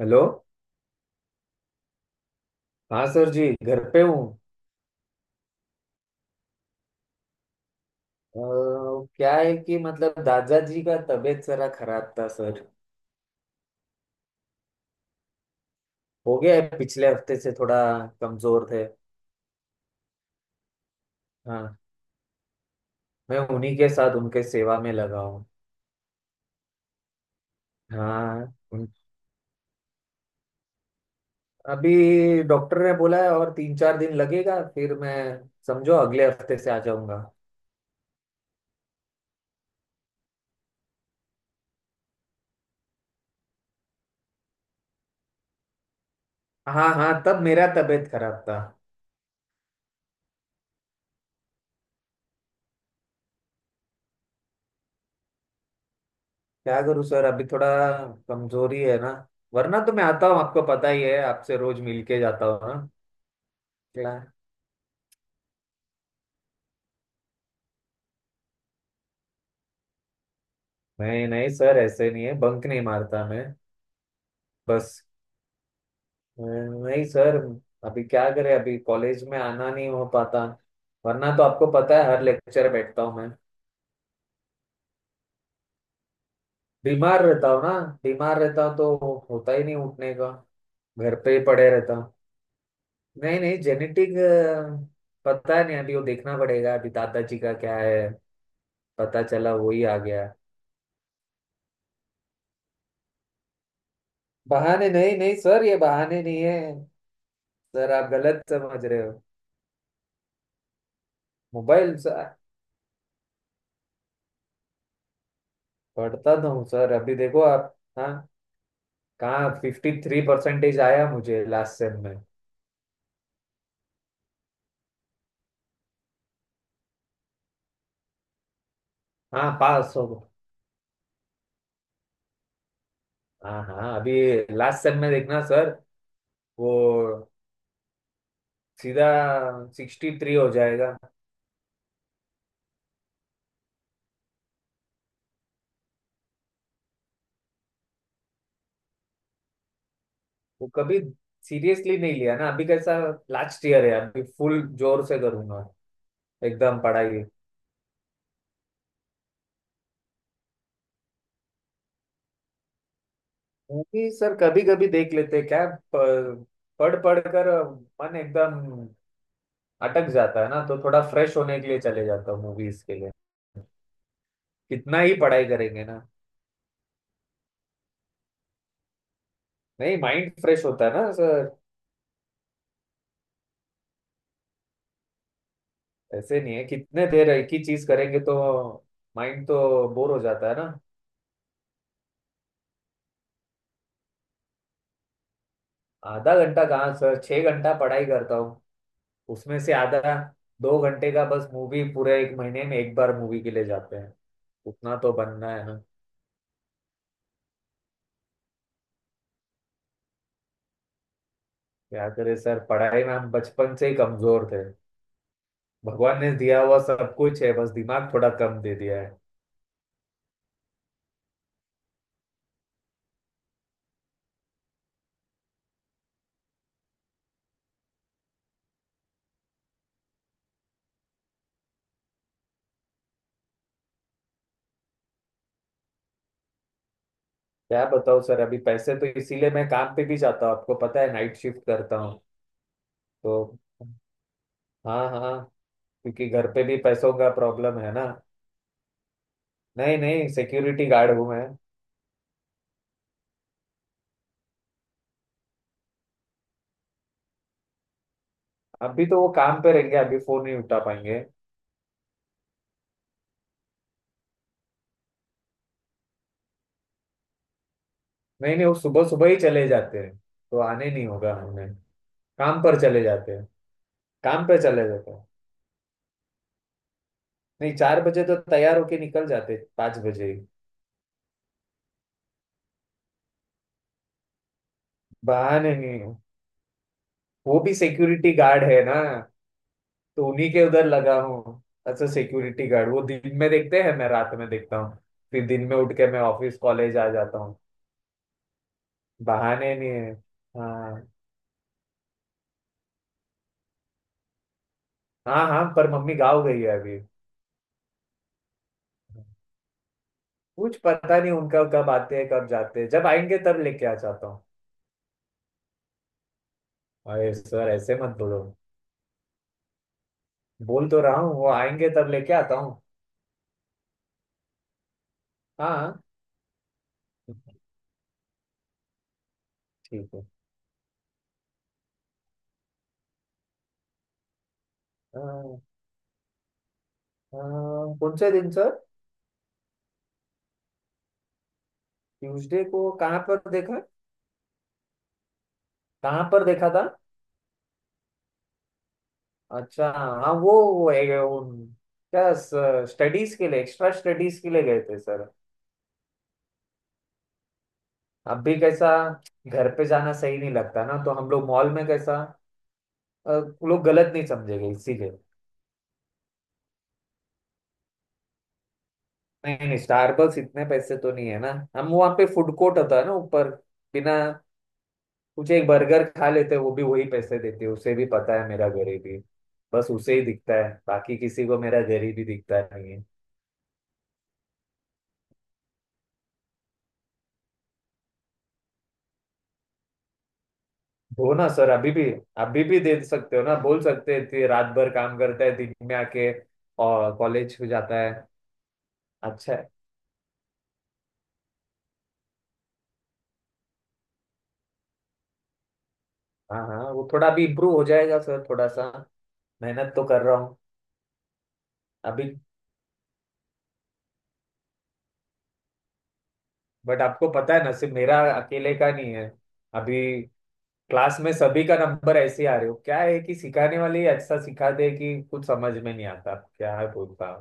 Hello. हाँ sir जी, घर पे हूँ। अ, क्या है कि मतलब दादाजी का तबीयत जरा खराब था सर। हो गया है पिछले हफ्ते से, थोड़ा कमजोर थे। हाँ, मैं उन्हीं के साथ उनके सेवा में लगा हूँ। हाँ उन- अभी डॉक्टर ने बोला है और 3-4 दिन लगेगा, फिर मैं समझो अगले हफ्ते से आ जाऊंगा। हाँ हाँ, तब मेरा तबीयत खराब था। क्या करूँ सर, अभी थोड़ा कमजोरी है ना। वरना तो मैं आता हूँ, आपको पता ही है, आपसे रोज मिल के जाता हूँ। ना, नहीं नहीं सर, ऐसे नहीं है, बंक नहीं मारता मैं। बस नहीं सर, अभी क्या करें, अभी कॉलेज में आना नहीं हो पाता। वरना तो आपको पता है हर लेक्चर बैठता हूँ मैं। बीमार रहता हूँ ना, बीमार रहता हूँ तो होता ही नहीं उठने का। घर पे ही पड़े रहता हूँ। नहीं नहीं जेनेटिक। पता नहीं, अभी वो देखना पड़ेगा अभी दादाजी का क्या है, पता चला वही आ गया। बहाने नहीं, नहीं सर ये बहाने नहीं है। सर आप गलत समझ रहे हो। मोबाइल। पढ़ता तो हूँ सर, अभी देखो आप, हाँ कहाँ 53% आया मुझे लास्ट सेम में। हाँ, पास हो गया। हाँ हाँ, अभी लास्ट सेम में देखना सर, वो सीधा 63 हो जाएगा। वो कभी सीरियसली नहीं लिया ना, अभी कैसा, लास्ट ईयर है, अभी फुल जोर से करूंगा एकदम पढ़ाई। मूवी सर कभी कभी देख लेते हैं। क्या प- पढ़ पढ़ कर मन एकदम अटक जाता है ना, तो थोड़ा फ्रेश होने के लिए चले जाता हूँ मूवीज के लिए। कितना ही पढ़ाई करेंगे ना। नहीं, माइंड फ्रेश होता है ना सर। ऐसे नहीं है, कितने देर एक ही चीज करेंगे तो माइंड तो बोर हो जाता है ना। आधा घंटा कहाँ सर, 6 घंटा पढ़ाई करता हूँ। उसमें से आधा 2 घंटे का बस मूवी, पूरे एक महीने में एक बार मूवी के लिए जाते हैं। उतना तो बनना है ना। क्या करे सर, पढ़ाई में हम बचपन से ही कमजोर थे। भगवान ने दिया हुआ सब कुछ है, बस दिमाग थोड़ा कम दे दिया है। क्या बताओ सर, अभी पैसे तो इसीलिए मैं काम पे भी जाता हूँ, आपको पता है नाइट शिफ्ट करता हूँ तो। हाँ हाँ हाँ, क्योंकि घर पे भी पैसों का प्रॉब्लम है ना। नहीं नहीं, सिक्योरिटी गार्ड हूँ मैं। अभी तो वो काम पे रहेंगे अभी, फोन नहीं उठा पाएंगे। नहीं नहीं, वो सुबह सुबह ही चले जाते हैं, तो आने नहीं होगा हमें। काम पर चले जाते हैं, काम पे चले जाते हैं। नहीं, 4 बजे तो तैयार होके निकल जाते, 5 बजे ही। बहाने नहीं हो। वो भी सिक्योरिटी गार्ड है ना, तो उन्हीं के उधर लगा हूँ। अच्छा सिक्योरिटी गार्ड, वो दिन में देखते हैं, मैं रात में देखता हूँ, फिर दिन में उठ के मैं ऑफिस कॉलेज आ जाता हूँ। बहाने नहीं है। हाँ हाँ, हाँ पर मम्मी गाँव गई है अभी। कुछ पता नहीं उनका, कब आते हैं कब जाते हैं, जब आएंगे तब लेके आ जाता हूँ। अरे सर ऐसे मत बोलो। बोल तो रहा हूँ वो आएंगे तब लेके आता हूँ। हाँ। ठीक है। अ, अ, कौन से दिन सर? ट्यूसडे को कहाँ पर देखा? कहाँ पर देखा था? अच्छा हाँ वो, वो क्या, स्टडीज के लिए, एक्स्ट्रा स्टडीज के लिए गए थे सर। अब भी कैसा, घर पे जाना सही नहीं लगता ना, तो हम लोग मॉल में कैसा, अ, लोग गलत नहीं समझेंगे इसीलिए। नहीं नहीं, स्टारबक्स इतने पैसे तो नहीं है ना। हम वहाँ पे फूड कोर्ट होता है ना ऊपर, बिना कुछ एक बर्गर खा लेते हैं, वो भी वही पैसे देते हैं, उसे भी पता है मेरा गरीबी। बस उसे ही दिखता है, बाकी किसी को मेरा गरीबी दिखता नहीं है। हो ना सर, अभी भी दे सकते हो ना, बोल सकते हैं कि रात भर काम करता है, दिन में आके और कॉलेज हो जाता है। अच्छा है। हाँ हाँ, वो थोड़ा भी इम्प्रूव हो जाएगा सर, थोड़ा सा मेहनत तो कर रहा हूँ। अभी बट आपको पता है ना, सिर्फ मेरा अकेले का नहीं है, अभी क्लास में सभी का नंबर ऐसे ही आ रहे हो। क्या है कि सिखाने वाले अच्छा सिखाते हैं कि कुछ समझ में नहीं आता, क्या है बोलता।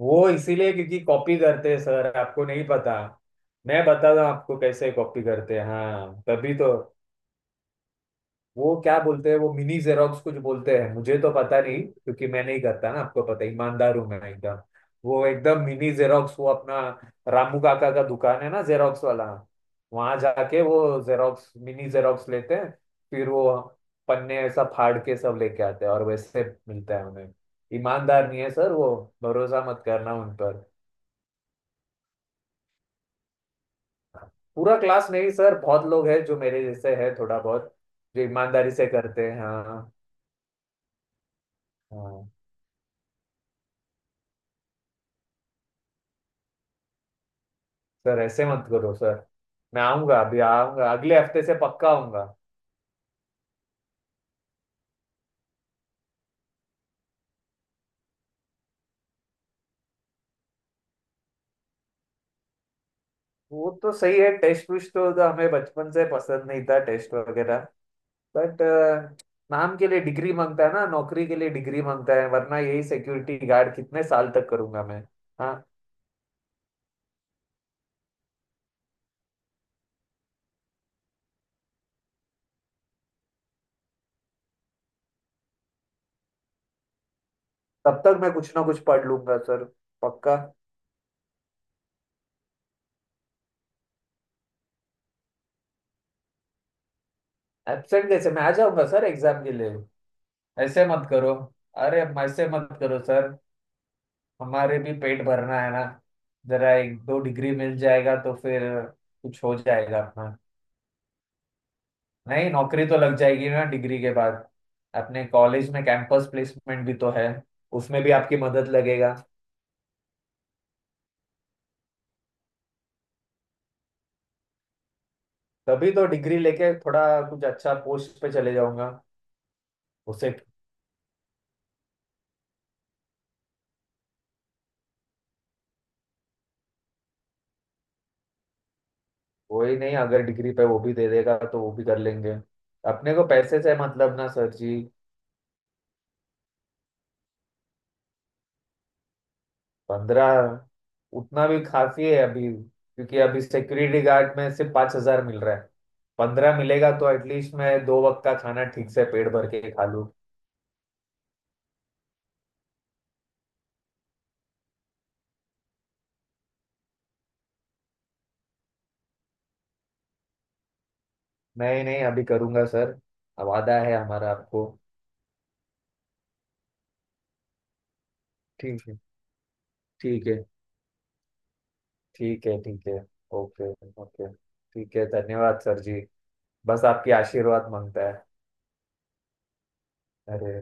वो इसीलिए क्योंकि कॉपी करते हैं सर, आपको नहीं पता। मैं बताता हूँ आपको कैसे कॉपी करते हैं, हाँ तभी तो। वो क्या बोलते हैं, वो मिनी जेरोक्स कुछ बोलते हैं, मुझे तो पता नहीं क्योंकि मैं नहीं करता ना, आपको पता है, ईमानदार हूं मैं एकदम। वो एकदम मिनी जेरोक्स, वो अपना रामू काका का दुकान है ना जेरोक्स वाला, वहां जाके वो जेरोक्स, मिनी जेरोक्स लेते हैं, फिर वो पन्ने ऐसा फाड़ के सब लेके आते हैं और वैसे मिलता है उन्हें। ईमानदार नहीं है सर वो, भरोसा मत करना उन पर। पूरा क्लास नहीं सर, बहुत लोग हैं जो मेरे जैसे है थोड़ा बहुत, जो ईमानदारी से करते हैं, हाँ। हाँ सर ऐसे मत करो सर, मैं आऊंगा, अभी आऊंगा, अगले हफ्ते से पक्का आऊंगा। वो तो सही है, टेस्ट तो हमें बचपन से पसंद नहीं था टेस्ट वगैरह। बट नाम के लिए डिग्री मांगता है ना, नौकरी के लिए डिग्री मांगता है, वरना यही सिक्योरिटी गार्ड कितने साल तक करूंगा मैं। हाँ तब तक मैं कुछ ना कुछ पढ़ लूंगा सर, पक्का। एब्सेंट कैसे, मैं आ जाऊंगा सर एग्जाम के लिए। ऐसे मत करो। अरे ऐसे मत करो सर, हमारे भी पेट भरना है ना, जरा एक दो डिग्री मिल जाएगा तो फिर कुछ हो जाएगा अपना। नहीं, नौकरी तो लग जाएगी ना डिग्री के बाद, अपने कॉलेज में कैंपस प्लेसमेंट भी तो है, उसमें भी आपकी मदद लगेगा। तभी तो डिग्री लेके थोड़ा कुछ अच्छा पोस्ट पे चले जाऊंगा। उसे वही नहीं, अगर डिग्री पे वो भी दे देगा तो वो भी कर लेंगे, अपने को पैसे से मतलब ना सर जी। 15? उतना भी काफी है अभी, क्योंकि अभी सिक्योरिटी गार्ड में सिर्फ 5,000 मिल रहा है। पंद्रह मिलेगा तो एटलीस्ट मैं दो वक्त का खाना ठीक से पेट भर के खा लूं। नहीं नहीं अभी करूंगा सर, वादा है हमारा आपको। ठीक है। ठीक है ठीक है। ठीक है। ओके। ओके ठीक है, धन्यवाद सर जी। बस आपकी आशीर्वाद मांगता है। अरे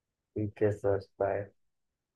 ठीक है सर बाय।